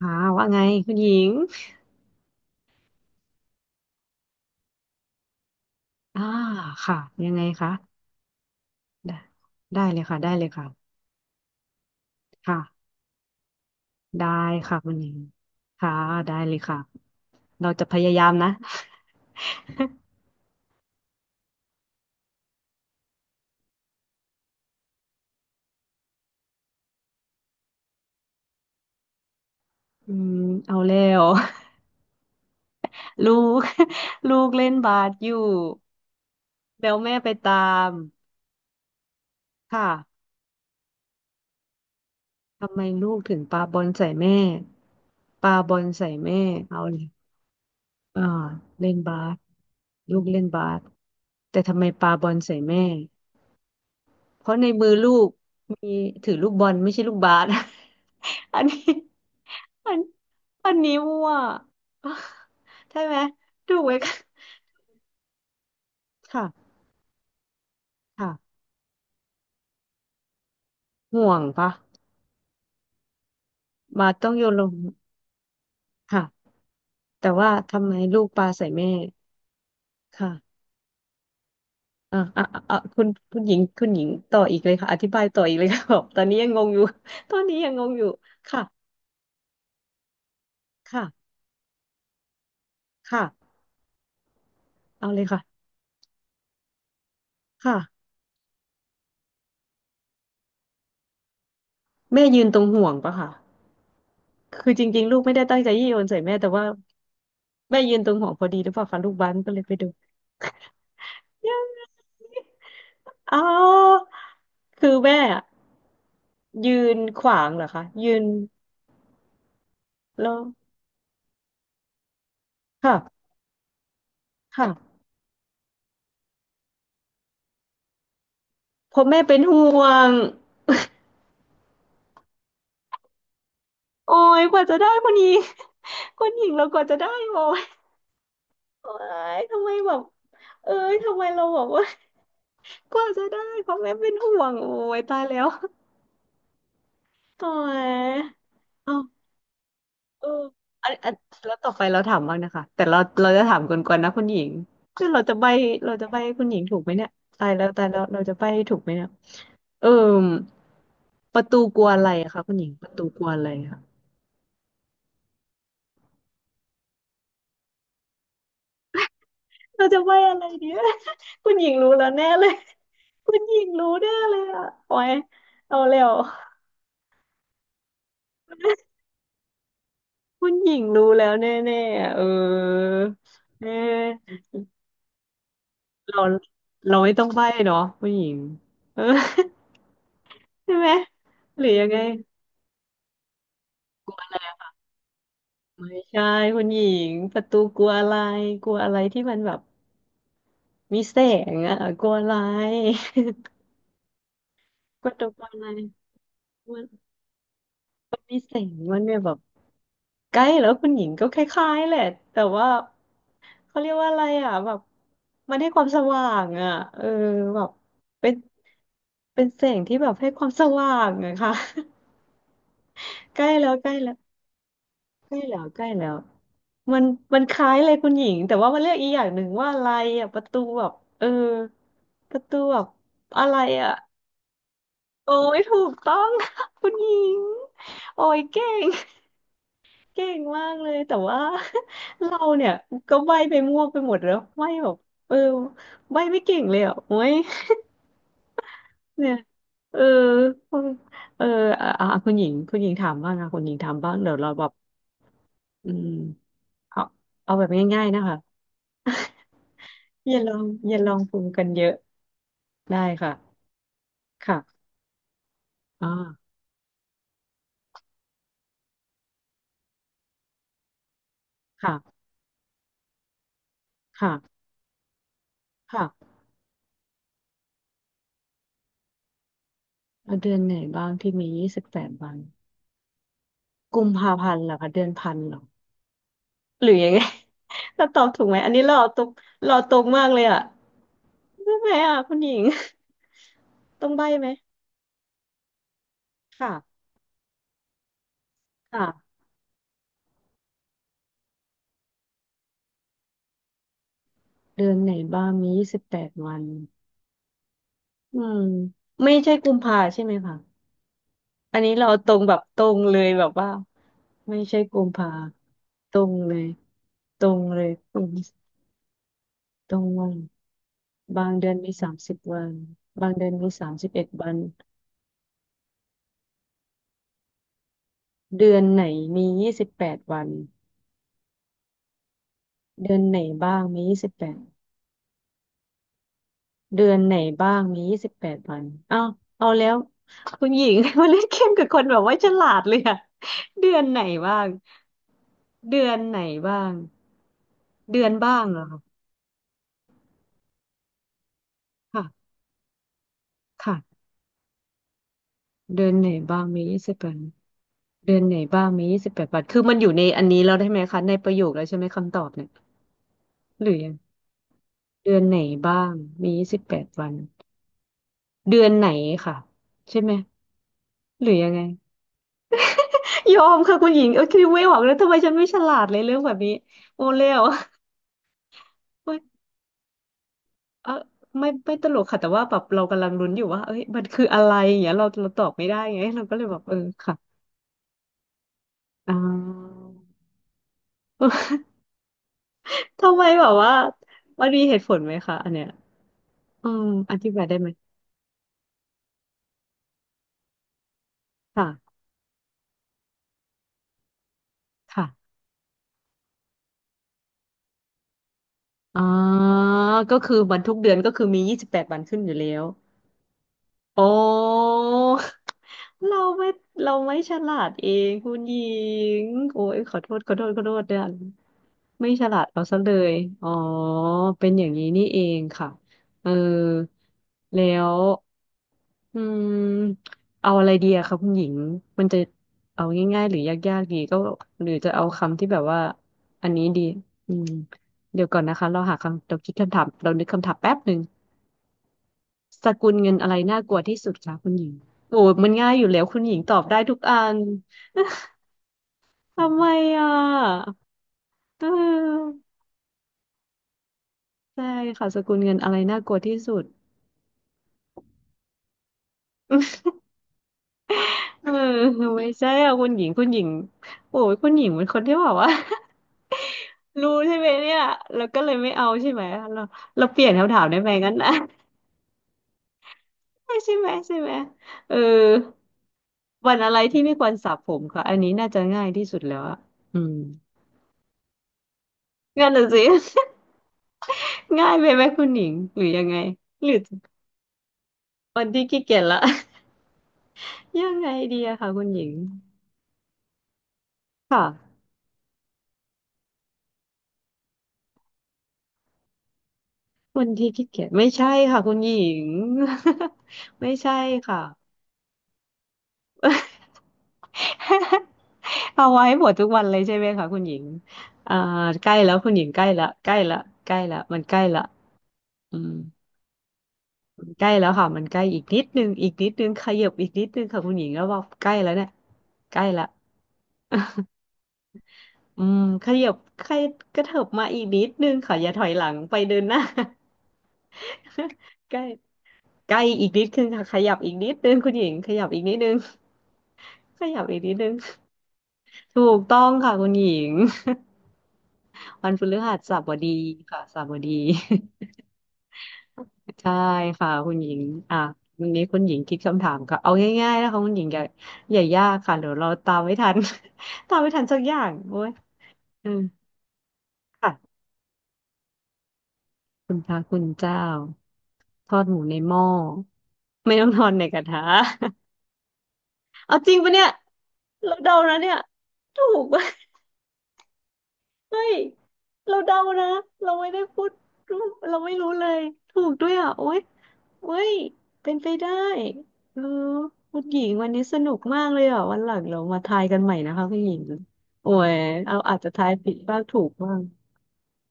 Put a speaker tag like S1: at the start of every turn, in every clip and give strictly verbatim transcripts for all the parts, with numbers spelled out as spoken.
S1: อ่าว่าไงคุณหญิงอ่าค่ะยังไงคะได้ได้เลยค่ะได้เลยค่ะค่ะได้ค่ะคุณหญิงค่ะได้เลยค่ะเราจะพยายามนะอืมเอาแล้ว ลูก ลูกเล่นบาสอยู่แล้วแม่ไปตามค่ะทำไมลูกถึงปาบอลใส่แม่ปาบอลใส่แม่เอาเลยอ่าเล่นบาสลูกเล่นบาสแต่ทำไมปาบอลใส่แม่ เพราะในมือลูกมีถือลูกบอลไม่ใช่ลูกบาส อันนี้อันอันนี้มั่ว ใช่ไหมถูกไหมคะค่ะค่ะห่วงปะบาสต้องโยนลงค่ะแต่ว่าทำไมลูกปลาใส่แม่ค่ะอ่ะอ่ะอ่ะอ่ะคุณคุณหญิงคุณหญิงต่ออีกเลยค่ะอธิบายต่ออีกเลยค่ะ บอกตอนนี้ยังงงอยู่ ตอนนี้ยังงงอยู่ค่ะค่ะค่ะเอาเลยค่ะค่ะแม่ยืนตรงห่วงปะค่ะ คือจริงๆลูกไม่ได้ตั้งใจยี่โยนใส่แม่แต่ว่าแม่ยืนตรงหัวพอดีหรือเปล่าคะลูกบ้านก็เลยไปดู ยังไงอ๋อคือแม่อะยืนขวางเหรอคะยืนแล้วค่ะค่ะเพราะแม่เป็นห่วงโอ้ยกว่าจะได้คนนี้ คนหญิงเรากว่าจะได้โอ้ยโอ้ยทำไมแบบเอ้ยทำไมเราบอกว่า กว่าจะได้เพราะแม่เป็นห่วงโอ้ยตายแล้วโอ้ย เอออันอันแล้วต่อไปเราถามบ้างนะคะแต่เราเราจะถามกวนๆนะคุณหญิงคือเราจะใบ้เราจะใบ้ให้คุณหญิงถูกไหมเนี่ยตายแล้วตายแล้วเราจะใบ้ให้ถูกไหมเนี่ยเออประตูกลัวอะไรอะคะคุณหญิงประตูกลัวอะไรอะเราจะใบ้อะไรเนี่ย คุณหญิงรู้แล้วแน่เลย คุณหญิงรู้แน่เลยอะโอ้ยเอาแล้วคุณหญิงรู้แล้วแน่ๆอะเออเออเราเราไม่ต้องใบ้เนาะคุณหญิงเออ ใช่ไหมหรือยังไง ไม่ใช่คุณหญิงประตูกลัวอะไรกลัวอะไรที่มันแบบมีแสงอ่ะกลัวอะไร ประตูกลัวอะไรมันมีแสงมันเนี่ยแบบใกล้แล้วคุณหญิงก็คล้ายๆแหละแต่ว่าเขาเรียกว่าอะไรอ่ะแบบมันให้ความสว่างอ่ะเออแบบเป็นเป็นแสงที่แบบให้ความสว่างอะค่ะ ใกล้แล้วใกล้แล้ว ใกล้แล้วใกล้แล้วมันมันคล้ายเลยคุณหญิงแต่ว่ามันเรียกอีกอย่างหนึ่งว่าอะไรอ่ะประตูแบบเออประตูแบบอะไรอ่ะโอ้ยถูกต้อง คุณหญิงโอ้ยเก่งเก่งมากเลยแต่ว่า เราเนี่ยก็ใบ้ไปมั่วไปหมดแล้วใบ้แบบเออใบ้ไม่เก่งเลยอ่ะโอ้ย เนี่ยเออเอออ่ะอ่ะคุณหญิงคุณหญิงถามบ้างนะคุณหญิงถามบ้างเดี๋ยวเราแบบอืมเอาเอาแบบง่ายๆนะคะ อย่าลองอย่าลองปรุงกันเยอะได้ค่ะค่ะอ่าค่ะค่ะค่ะเอาเดือนไหนบ้างที่มียี่สิบแปดวันกุมภาพันธ์เหรอคะเดือนพันเหรอหรือยังไง เรา ตอบถูกไหมอันนี้เราอตรงเราอตรงมากเลยอ่ะใช่ไหมอ่ะคุณหญิง ต้องใบ้ไหมค่ะค่ะเดือนไหนบ้างมียี่สิบแปดวันอืมไม่ใช่กุมภาใช่ไหมคะอันนี้เรอาตรงแบบตรงเลยแบบว่าไม่ใช่กุมภาตรงเลย ตรงเลยตรงตรงวันบางเดือนมีสามสิบวันบางเดือนมีสามสิบเอ็ดวันเดือนไหนมียี่สิบแปดวันเดือนไหนบ้างมียี่สิบแปดเดือนไหนบ้างมียี่สิบแปดวันเอาเอาแล้วคุณหญิง มาเล่นเกมกับคนแบบว่าฉลาดเลยอะเดือนไหนบ้างเดือนไหนบ้างเดือนบ้างเหรอคะค่ะค่ะเดือนไหนบ้างมียี่สิบแปดเดือนไหนบ้างมียี่สิบแปดวันคือมันอยู่ในอันนี้แล้วได้ไหมคะในประโยคแล้วใช่ไหมคำตอบเนี่ยหรือยัง เดือนไหนบ้างมียี่สิบแปดวันเดือนไหนค่ะใช่ไหมหรือยังไงยอมค่ะคุณหญิงเออคิดไม่ออกเลยทำไมฉันไม่ฉลาดเลยเรื่องแบบนี้โอเล่ว เอยเออไม่ไม่ตลกค่ะแต่ว่าแบบเรากำลังลุ้นอยู่ว่าเอ้ยมันคืออะไรอย่างเงี้ยเราเราตอบไม่ได้ไง เราก็เลยแบบเออค่ะอ่า ทำไมแบบว่ามันมีเหตุผลไหมคะอันเนี้ยอืมอธิบายได้ไหมค่ะค่ะอ๋อก็คือวันทุกเดือนก็คือมียี่สิบแปดวันขึ้นอยู่แล้ว โอ้เราไม่เราไม่ฉลาดเองคุณหญิงโอ้ยขอโทษขอโทษขอโทษเนี่ยไม่ฉลาดเอาซะเลยอ๋อเป็นอย่างนี้นี่เองค่ะเออแล้วอืมเอาอะไรดีอะคะคุณหญิงมันจะเอาง่ายๆหรือยากๆดีก็หรือจะเอาคำที่แบบว่าอันนี้ดีอืมเดี๋ยวก่อนนะคะเราหาคำเราคิดคำถามเรานึกคำถามแป๊บหนึ่ง สกุลเงินอะไรน่ากลัวที่สุดคะคุณหญิงโอ้มันง่ายอยู่แล้วคุณหญิงตอบได้ทุกอันทำไมอ่ะเออใช่ค่ะสกุลเงินอะไรน่ากลัวที่สุดเออไม่ใช่อ่ะคุณหญิงคุณหญิงโอ้ยคุณหญิงเป็นคนที่แบบว่า รู้ใช่ไหมเนี่ยแล้วก็เลยไม่เอาใช่ไหมเราเราเปลี่ยนคำถามได้ไหมงั้นนะ ใช่ไหมใช่ไหมเออวันอะไรที่ไม่ควรสระผมค่ะอันนี้น่าจะง่ายที่สุดแล้วอะอืมงั้นน่ะสิ ง่ายไปไหมคุณหญิงหรือยังไงหรือวันที่ขี้เกียจละ ยังไงดีอะค่ะคุณหญิงค่ะวันที่ขี้เกียจไม่ใช่ค่ะคุณหญิง ไม่ใช่ค่ะ เอาไว้หมดทุกวันเลยใช่ไหมคะคุณหญิงอ่าใกล้แล้วคุณหญิงใกล้ละใกล้ละใกล้ละมันใกล้ละอืมมันใกล้แล้วค่ะมันใกล้อีกนิดนึงอีกนิดนึงขยับอีกนิดนึงค่ะคุณหญิงแล้วว่าใกล้แล้วเนี่ยใกล้ละ อืมขยับขยกระเถิบมาอีกนิดนึงค่ะอย่าถอยหลังไปเดินหน้า ใกล้ใกล้อีกนิดนึงค่ะขยับอีกนิดนึงคุณหญิงขยับอีกนิดนึงขยับอีกนิดนึงถูกต้องค่ะคุณหญิง วันพฤหัสบดีค่ะสบดี ใช่ค่ะคุณหญิงอ่ะวันนี้คุณหญิงคิดคำถามค่ะเอาง่ายๆนะคะคุณหญิงอย่าอย่ายากค่ะเดี๋ยวเราตามไม่ทัน ตามไม่ทันสักอย่างโอ้ยเออค่ะ คุณพระคุณเจ้าทอดหมูในหม้อไม่ต้องทอดในกระทะ เอาจริงปะเนี่ยเราเดานะเนี่ยถูกปะเฮ้ยเราเดานะเราไม่ได้พูดเราไม่รู้เลยถูกด้วยอ่ะโอ๊ยโอ๊ยเป็นไปได้เออคุณหญิงวันนี้สนุกมากเลยอ่ะวันหลังเรามาทายกันใหม่นะคะคุณหญิงโอ้ยเอาอาจจะทายผิดบ้างถูกบ้าง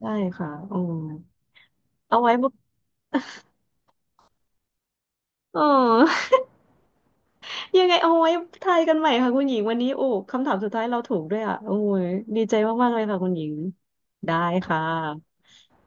S1: ได้ค่ะโอ้เอาไว้บอกเออ ยังไงเอาไว้ทายกันใหม่ค่ะคุณหญิงวันนี้โอ้คำถามสุดท้ายเราถูกด้วยอ่ะโอ้ยดีใจมากๆเลยค่ะคุณหญิงได้ค่ะ